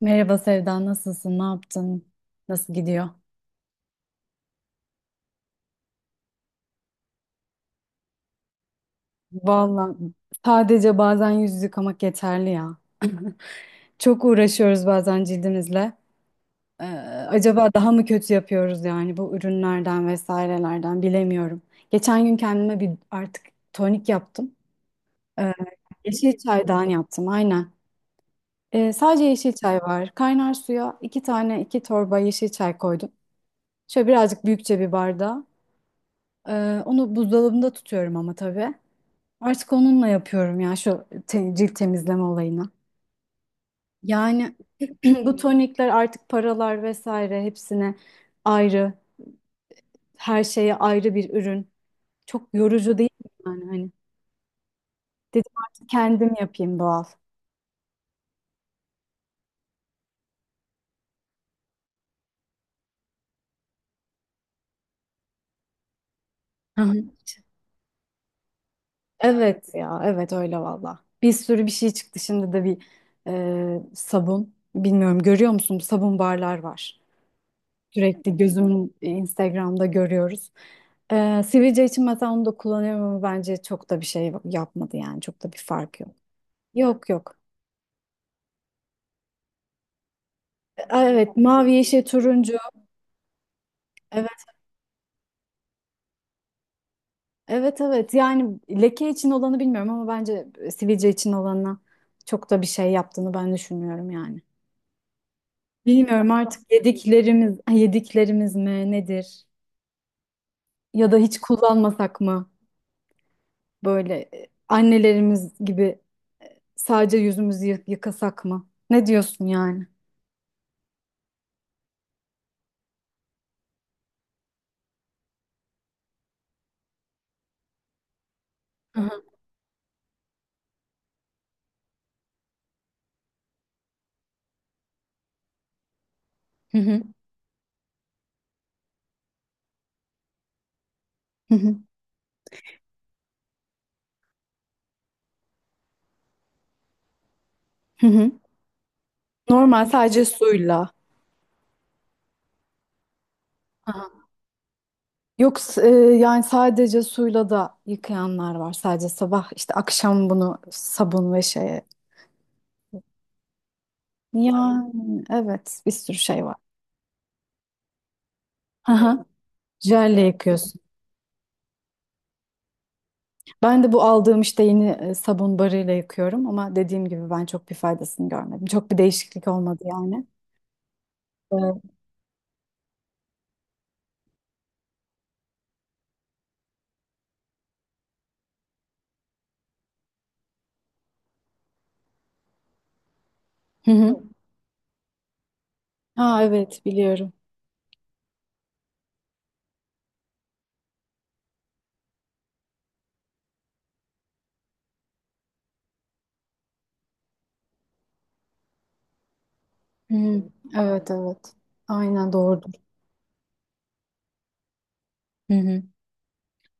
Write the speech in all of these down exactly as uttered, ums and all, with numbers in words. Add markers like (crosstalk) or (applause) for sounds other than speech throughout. Merhaba Sevda, nasılsın? Ne yaptın? Nasıl gidiyor? Vallahi sadece bazen yüz yıkamak yeterli ya. (laughs) Çok uğraşıyoruz bazen cildimizle. Ee, Acaba daha mı kötü yapıyoruz yani bu ürünlerden vesairelerden bilemiyorum. Geçen gün kendime bir artık tonik yaptım. Ee, Yeşil çaydan yaptım aynen. Ee, sadece yeşil çay var. Kaynar suya iki tane iki torba yeşil çay koydum. Şöyle birazcık büyükçe bir bardağa. Ee, onu buzdolabında tutuyorum ama tabii. Artık onunla yapıyorum ya şu te- cilt temizleme olayını. Yani (clears throat) bu tonikler artık paralar vesaire hepsine ayrı, her şeye ayrı bir ürün. Çok yorucu değil mi yani hani? Dedim artık kendim yapayım doğal. Hı hı. Evet ya, evet öyle valla. Bir sürü bir şey çıktı şimdi de bir e, sabun. Bilmiyorum, görüyor musun sabun barlar var. Sürekli gözümün e, Instagram'da görüyoruz. Ee, sivilce için mesela onu da kullanıyorum ama bence çok da bir şey yapmadı yani çok da bir fark yok. Yok yok. Aa, evet mavi, yeşil, turuncu. Evet, evet evet yani leke için olanı bilmiyorum ama bence e, sivilce için olanına çok da bir şey yaptığını ben düşünmüyorum yani. Bilmiyorum artık yediklerimiz yediklerimiz mi nedir ya da hiç kullanmasak mı böyle e, annelerimiz gibi sadece yüzümüzü yı- yıkasak mı? Ne diyorsun yani? Hı hı. Hı hı, hı hı, hı hı. Normal sadece suyla. Aha. Yok, s- e, yani sadece suyla da yıkayanlar var. Sadece sabah işte akşam bunu sabun ve şeye. Yani evet, bir sürü şey var. Aha. Jelle yıkıyorsun. Ben de bu aldığım işte yeni e, sabun barıyla yıkıyorum ama dediğim gibi ben çok bir faydasını görmedim. Çok bir değişiklik olmadı yani. Evet. Hı hı. Ha evet, biliyorum. Hı, evet evet. Aynen, doğrudur. Hı hı.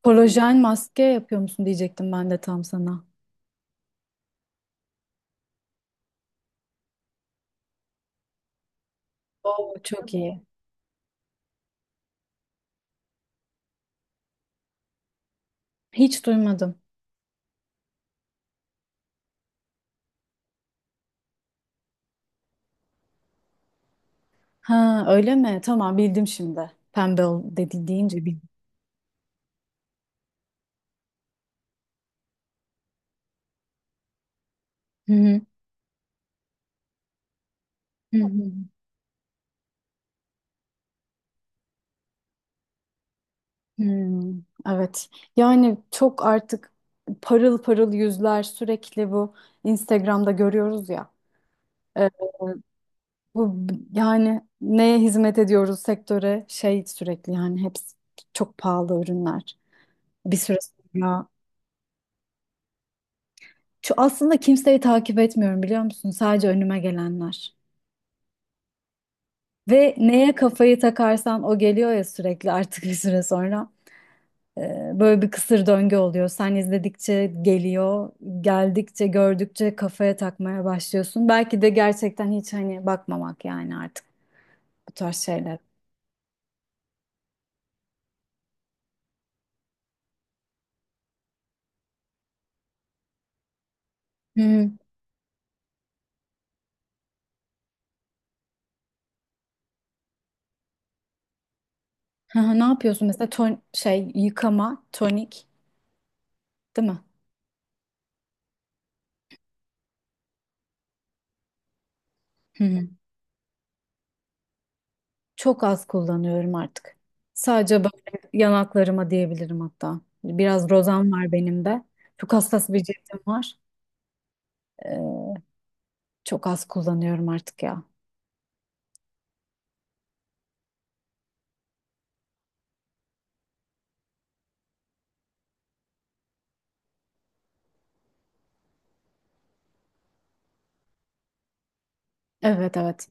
Kolajen maske yapıyor musun diyecektim ben de tam sana. Oo, çok iyi. Hiç duymadım. Ha öyle mi? Tamam bildim şimdi. Pembe ol dedi deyince bildim. Hı hı. Hı hı. Hmm, evet. Yani çok artık parıl parıl yüzler sürekli bu Instagram'da görüyoruz ya. Ee, Bu b- yani neye hizmet ediyoruz sektöre şey sürekli yani hepsi çok pahalı ürünler. Bir süre sonra. Şu aslında kimseyi takip etmiyorum, biliyor musun? Sadece önüme gelenler. Ve neye kafayı takarsan o geliyor ya sürekli artık bir süre sonra. Ee, Böyle bir kısır döngü oluyor. Sen izledikçe geliyor, geldikçe, gördükçe kafaya takmaya başlıyorsun. Belki de gerçekten hiç hani bakmamak yani artık bu tarz şeyler. Hı hı. Hı hı, ne yapıyorsun mesela? Ton şey yıkama, tonik, değil mi? Hı hı. Çok az kullanıyorum artık. Sadece böyle yanaklarıma diyebilirim hatta. Biraz rozan var benim de. Çok hassas bir cildim var. Ee, Çok az kullanıyorum artık ya. Evet evet.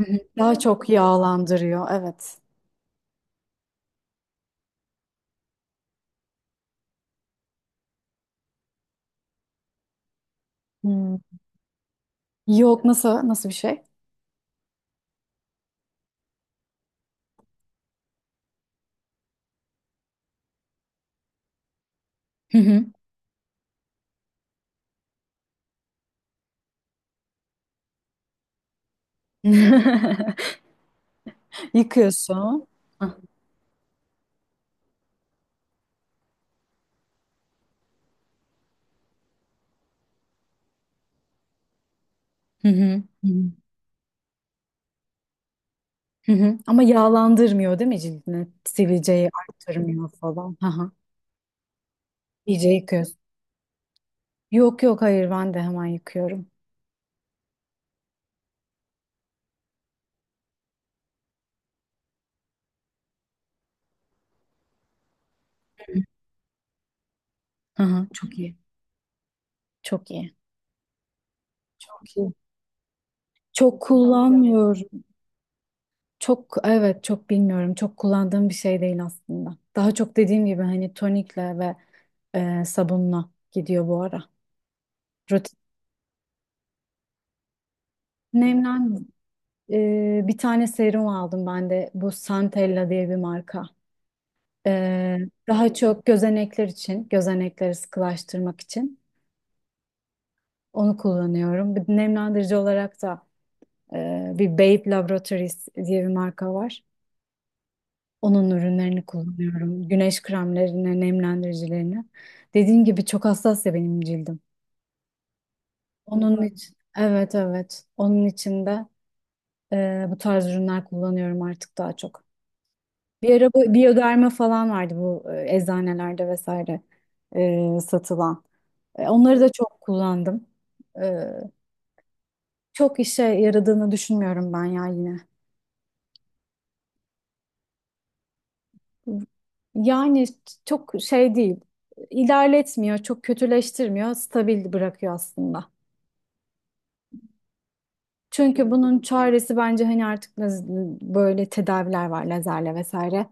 Hı hı. Daha çok yağlandırıyor. Evet. Hmm. Yok, nasıl nasıl bir şey? Hı hı. (laughs) Yıkıyorsun. Hı hı. Hı hı. Hı hı. Ama yağlandırmıyor değil mi cildini? Sivilceyi arttırmıyor falan. Hı hı. İyice yıkıyorsun. Yok yok, hayır ben de hemen yıkıyorum. Hı hı. Çok iyi. Çok iyi. Çok iyi. Çok kullanmıyorum. Çok evet, çok bilmiyorum. Çok kullandığım bir şey değil aslında. Daha çok dediğim gibi hani tonikle ve e, sabunla gidiyor bu ara. Rutin nemlen e, Bir tane serum aldım ben de. Bu Santella diye bir marka. E, Daha çok gözenekler için, gözenekleri sıkılaştırmak için onu kullanıyorum. Bir nemlendirici olarak da e, bir Babe Laboratories diye bir marka var. Onun ürünlerini kullanıyorum. Güneş kremlerini, nemlendiricilerini. Dediğim gibi çok hassas ya benim cildim. Onun için, evet evet. Onun için de e, bu tarz ürünler kullanıyorum artık daha çok. Bir ara bu biyoderma falan vardı bu e, eczanelerde vesaire e, satılan. E, onları da çok kullandım. E, Çok işe yaradığını düşünmüyorum ben ya yine. Yani çok şey değil. İlerletmiyor, çok kötüleştirmiyor, stabil bırakıyor aslında. Çünkü bunun çaresi bence hani artık laz- böyle tedaviler var lazerle vesaire.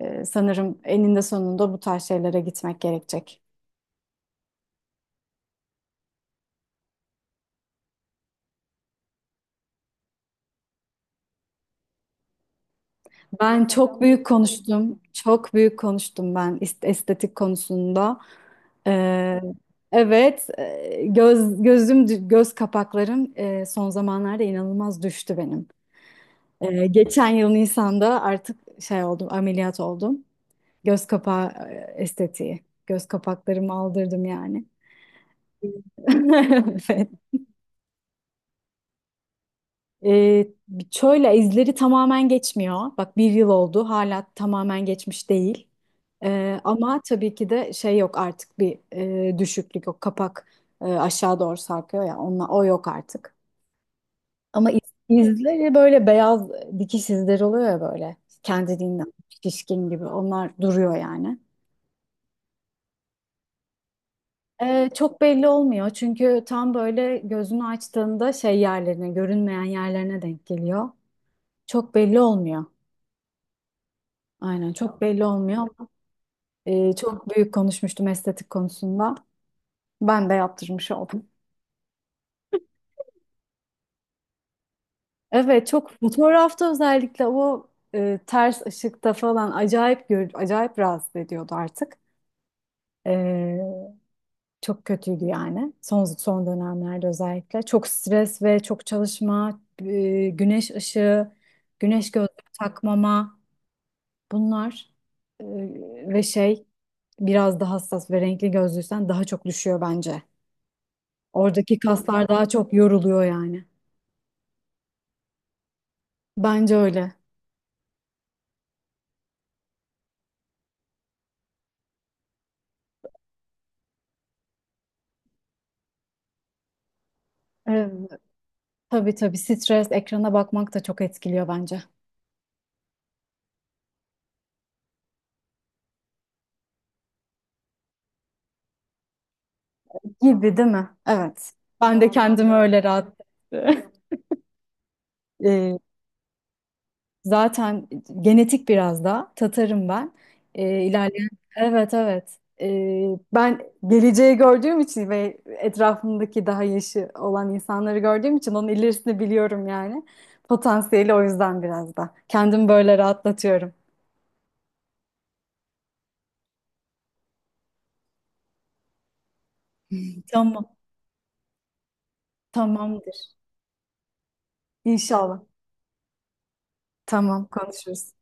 Ee, sanırım eninde sonunda bu tarz şeylere gitmek gerekecek. Ben çok büyük konuştum. Çok büyük konuştum ben ist- estetik konusunda. Ee, evet, e, göz gözüm göz kapaklarım e, son zamanlarda inanılmaz düştü benim. Ee, geçen yıl Nisan'da artık şey oldum, ameliyat oldum. Göz kapağı e, estetiği. Göz kapaklarımı aldırdım yani. (laughs) Evet. Ee, Şöyle izleri tamamen geçmiyor. Bak bir yıl oldu hala tamamen geçmiş değil. Ee, ama tabii ki de şey yok artık bir e, düşüklük yok. Kapak e, aşağı doğru sarkıyor ya onunla, o yok artık. Ama iz- izleri böyle beyaz dikiş izleri oluyor ya böyle kendiliğinden şişkin gibi onlar duruyor yani. Ee, çok belli olmuyor çünkü tam böyle gözünü açtığında şey yerlerine görünmeyen yerlerine denk geliyor. Çok belli olmuyor. Aynen çok belli olmuyor ama e, çok büyük konuşmuştum estetik konusunda. Ben de yaptırmış oldum. Evet, çok fotoğrafta özellikle o e, ters ışıkta falan acayip gör, acayip rahatsız ediyordu artık. E, Çok kötüydü yani son son dönemlerde özellikle. Çok stres ve çok çalışma, e, güneş ışığı, güneş gözlüğü takmama, bunlar. E, Ve şey, biraz daha hassas ve renkli gözlüysen daha çok düşüyor bence. Oradaki kaslar daha çok yoruluyor yani. Bence öyle. Evet. Tabii tabii, stres, ekrana bakmak da çok etkiliyor bence. Gibi değil mi? Evet. Ben de kendimi öyle rahat. (laughs) Ee, Zaten genetik biraz da. Tatarım ben. Ee, ilerleyen. Evet evet. Ee, ben geleceği gördüğüm için ve etrafımdaki daha yaşı olan insanları gördüğüm için onun ilerisini biliyorum yani. Potansiyeli o yüzden biraz da. Kendimi böyle rahatlatıyorum. Tamam. Tamamdır. İnşallah. Tamam, konuşuruz.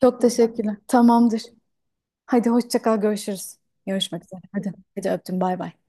Çok teşekkürler. Tamamdır. Hadi hoşça kal, görüşürüz. Görüşmek üzere. Hadi. Hadi öptüm. Bay bay.